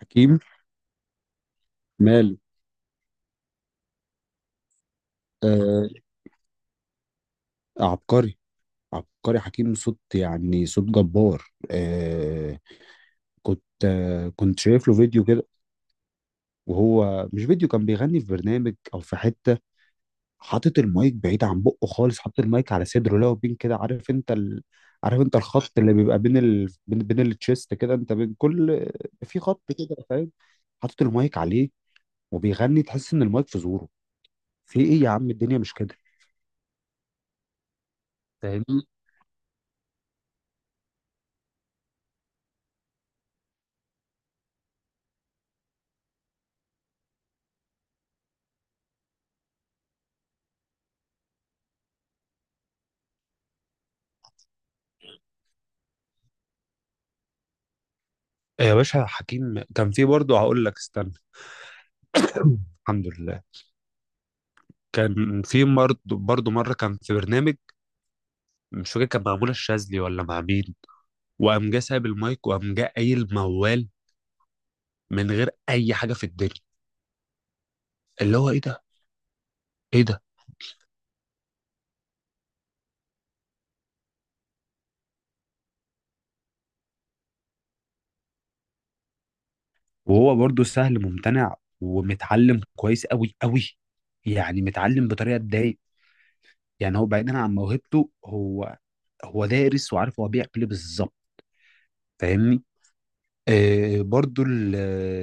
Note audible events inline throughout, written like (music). حكيم ماله؟ آه، عبقري. عبقري حكيم، صوت يعني صوت جبار. آه كنت شايف له فيديو كده، وهو مش فيديو، كان بيغني في برنامج او في حته، حاطط المايك بعيد عن بقه خالص، حاطط المايك على صدره، لو بين كده، عارف انت عارف انت الخط اللي بيبقى بين بين التشيست كده، انت بين كل، في خط كده، فاهم؟ حاطط المايك عليه وبيغني، تحس ان المايك في زوره. في ايه يا عم؟ الدنيا مش كده، فاهمني؟ يا باشا حكيم كان في برضه، هقول لك استنى. (coughs) (clears throat) الحمد لله. كان في برضه مره كان في برنامج، مش فاكر كان مع منى الشاذلي ولا مع مين، وقام جه سايب المايك وقام جه قايل موال من غير اي حاجه في الدنيا، اللي هو ايه ده؟ ايه ده؟ وهو برضه سهل ممتنع ومتعلم كويس قوي قوي، يعني متعلم بطريقه تضايق. يعني هو بعيدا عن موهبته، هو هو دارس وعارف هو بيعمل ايه بالظبط، فاهمني؟ آه، برضه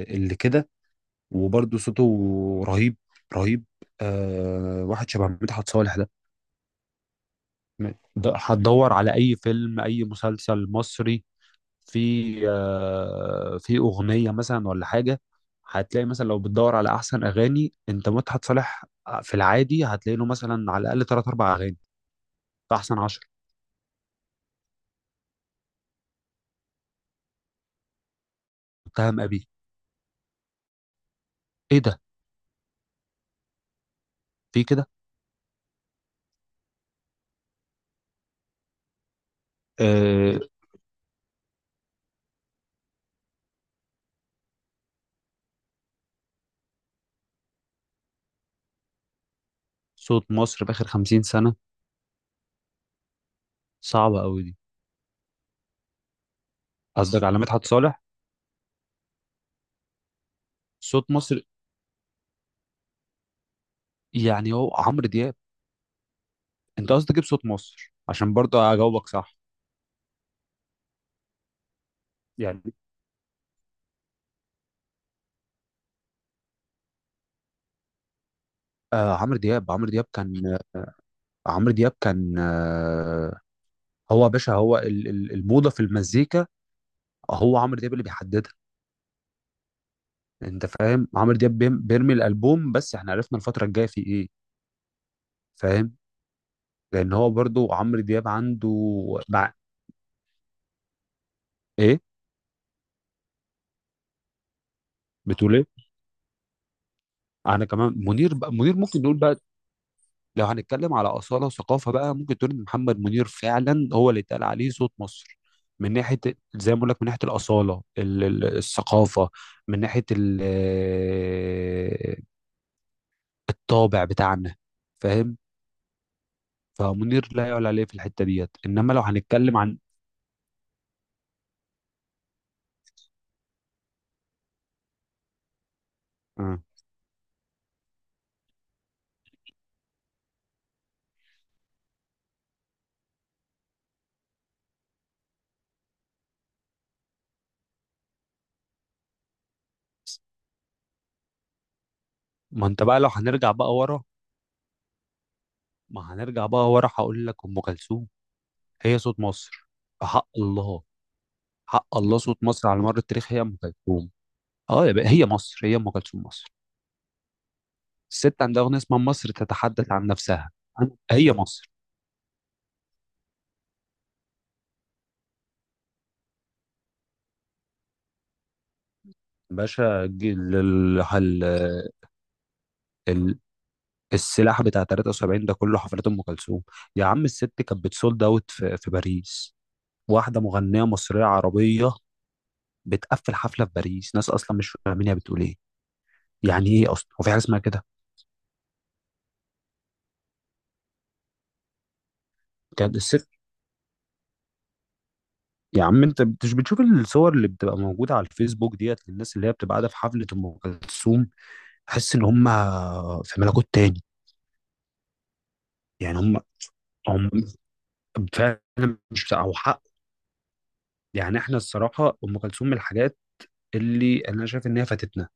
اللي كده. وبرضه صوته رهيب، رهيب. آه واحد شبه مدحت صالح ده، هتدور على اي فيلم اي مسلسل مصري، في اغنيه مثلا ولا حاجه، هتلاقي مثلا لو بتدور على احسن اغاني انت مدحت صالح، في العادي هتلاقي له مثلا على الاقل ثلاث اربع اغاني في احسن 10. اتهم ابي، ايه ده؟ في كده. آه، صوت مصر باخر 50 سنه، صعبه قوي دي. قصدك على مدحت صالح؟ صوت مصر يعني هو عمرو دياب. انت قصدك تجيب صوت مصر عشان برضه اجاوبك صح؟ يعني آه، عمرو دياب عمرو دياب كان عمرو دياب كان آه هو يا باشا، هو الموضه في المزيكا، هو عمرو دياب اللي بيحددها. انت فاهم، عمرو دياب بيرمي الالبوم، بس احنا عرفنا الفتره الجايه في ايه، فاهم؟ لان هو برضه عمرو دياب عنده، مع، ايه؟ بتقول ايه؟ انا كمان منير، بقى منير ممكن نقول بقى. لو هنتكلم على أصالة وثقافة بقى، ممكن تقول إن محمد منير فعلا هو اللي اتقال عليه صوت مصر، من ناحية، زي ما بقول لك، من ناحية الأصالة، الثقافة، من ناحية الطابع بتاعنا، فاهم؟ فمنير لا يعلى عليه في الحتة ديت، إنما لو هنتكلم عن، مم. ما أنت بقى لو هنرجع بقى ورا ما هنرجع بقى ورا، هقول لك أم كلثوم، هي صوت مصر. بحق الله، حق الله، صوت مصر على مر التاريخ هي أم كلثوم. اه، يا بقى هي مصر، هي أم كلثوم، مصر. الست عندها أغنية اسمها مصر تتحدث عن نفسها، هي مصر. باشا، ال- ال- السلاح بتاع 73 ده كله حفلات أم كلثوم. يا عم الست كانت بتسولد أوت، في باريس، واحدة مغنية مصرية عربية بتقفل حفلة في باريس، ناس أصلا مش فاهمين هي بتقول إيه، يعني إيه أصلا، هو في حاجة اسمها كده؟ كانت الست، يا عم انت مش بتشوف الصور اللي بتبقى موجوده على الفيسبوك ديت، للناس اللي هي بتبقى قاعده في حفله ام كلثوم؟ تحس ان هم في ملكوت تاني، يعني هم فعلا مش بتاع او حق. يعني احنا الصراحه ام كلثوم من الحاجات اللي انا شايف ان هي فاتتنا.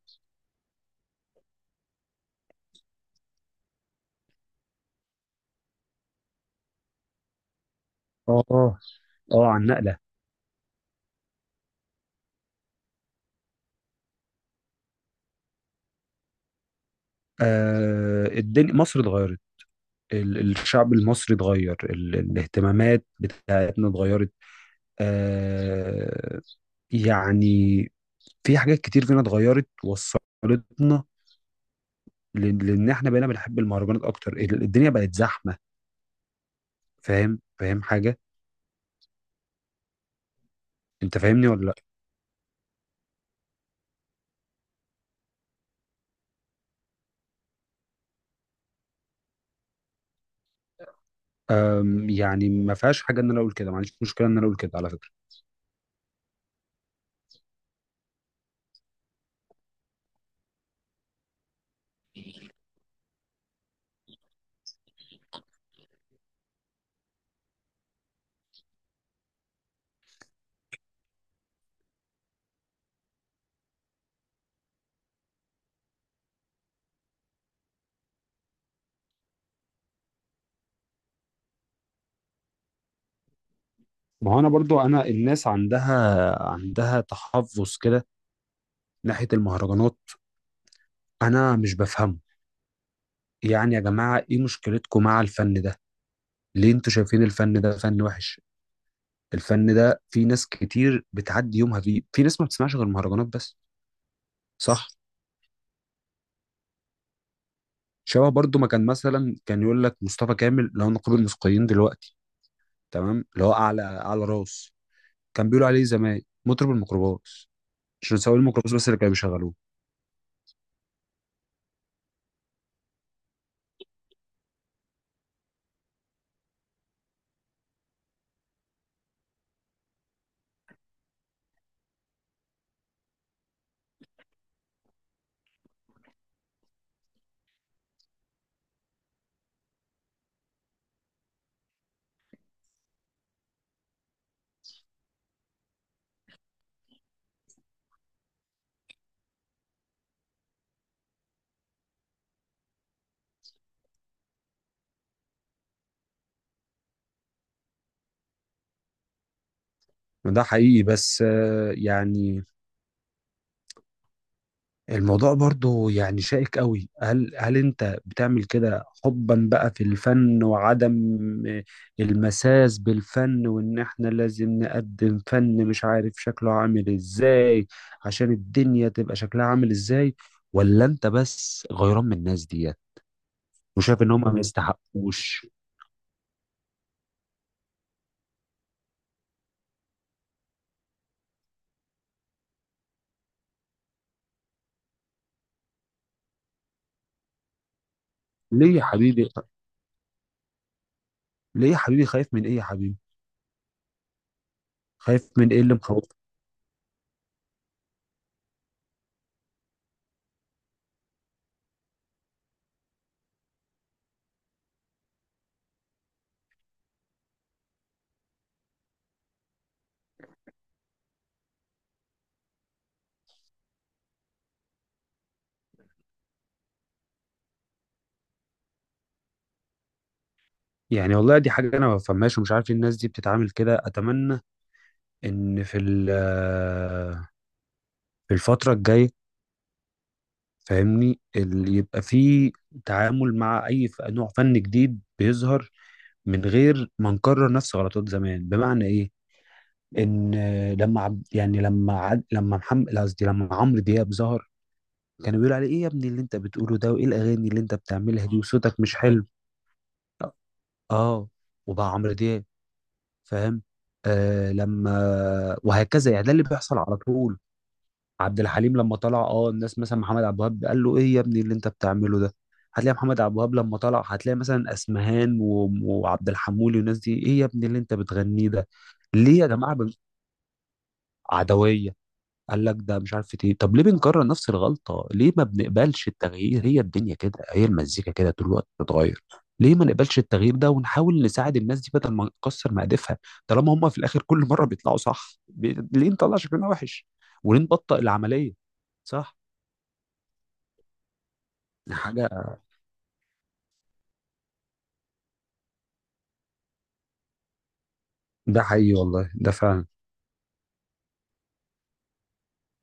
اه. اه، عن نقله. آه، الدنيا مصر اتغيرت، الشعب المصري اتغير، الاهتمامات بتاعتنا اتغيرت. آه، يعني في حاجات كتير فينا اتغيرت وصلتنا، لان احنا بقينا بنحب المهرجانات اكتر، الدنيا بقت زحمه، فاهم؟ فاهم حاجه؟ انت فاهمني ولا لا؟ يعني ما فيهاش حاجه ان انا اقول كده، ما عنديش مشكله ان انا اقول كده على فكره. ما هو انا برضو، انا الناس عندها تحفظ كده ناحية المهرجانات، انا مش بفهمه. يعني يا جماعة ايه مشكلتكم مع الفن ده؟ ليه انتوا شايفين الفن ده فن وحش؟ الفن ده في ناس كتير بتعدي يومها فيه، في ناس ما بتسمعش غير مهرجانات بس. صح، شبه برضو ما كان مثلا، كان يقول لك مصطفى كامل اللي هو نقيب الموسيقيين دلوقتي، تمام؟ اللي هو اعلى اعلى راس، كان بيقولوا عليه زمان مطرب الميكروباص، عشان سواق الميكروباص بس اللي كانوا بيشغلوه. ده حقيقي، بس آه، يعني الموضوع برضو يعني شائك قوي. هل انت بتعمل كده حبا بقى في الفن وعدم المساس بالفن، وان احنا لازم نقدم فن مش عارف شكله عامل ازاي، عشان الدنيا تبقى شكلها عامل ازاي؟ ولا انت بس غيران من الناس ديت وشايف ان هم ما يستحقوش؟ ليه يا حبيبي، ليه يا حبيبي، خايف من ايه يا حبيبي؟ خايف من ايه؟ اللي مخوف، يعني والله دي حاجة أنا ما بفهمهاش ومش عارف إيه الناس دي بتتعامل كده. أتمنى ان في في الفتره الجايه، فاهمني، يبقى في تعامل مع اي نوع فن جديد بيظهر، من غير ما نكرر نفس غلطات زمان. بمعنى ايه؟ ان لما عب يعني لما عد لما محمد قصدي لما عمرو دياب ظهر، كانوا بيقولوا عليه ايه يا ابني اللي انت بتقوله ده، وايه الاغاني اللي انت بتعملها دي، وصوتك مش حلو. اه، وبقى عمرو دياب، فاهم؟ آه لما، وهكذا، يعني ده اللي بيحصل على طول. عبد الحليم لما طلع، اه، الناس مثلا محمد عبد الوهاب قال له ايه يا ابني اللي انت بتعمله ده، هتلاقي محمد عبد الوهاب لما طلع، هتلاقي مثلا اسمهان وعبد الحمولي والناس دي، ايه يا ابني اللي انت بتغنيه ده؟ ليه يا جماعه، عدويه قال لك ده مش عارف ايه، طب ليه بنكرر نفس الغلطه؟ ليه ما بنقبلش التغيير؟ هي الدنيا كده، هي المزيكا كده، طول الوقت بتتغير. ليه ما نقبلش التغيير ده ونحاول نساعد الناس دي، بدل ما نكسر مقادفها؟ طالما هم في الاخر كل مره بيطلعوا صح ليه نطلع شكلنا وحش؟ وليه نبطئ العمليه؟ صح؟ حاجة، ده حقيقي، والله ده فعلا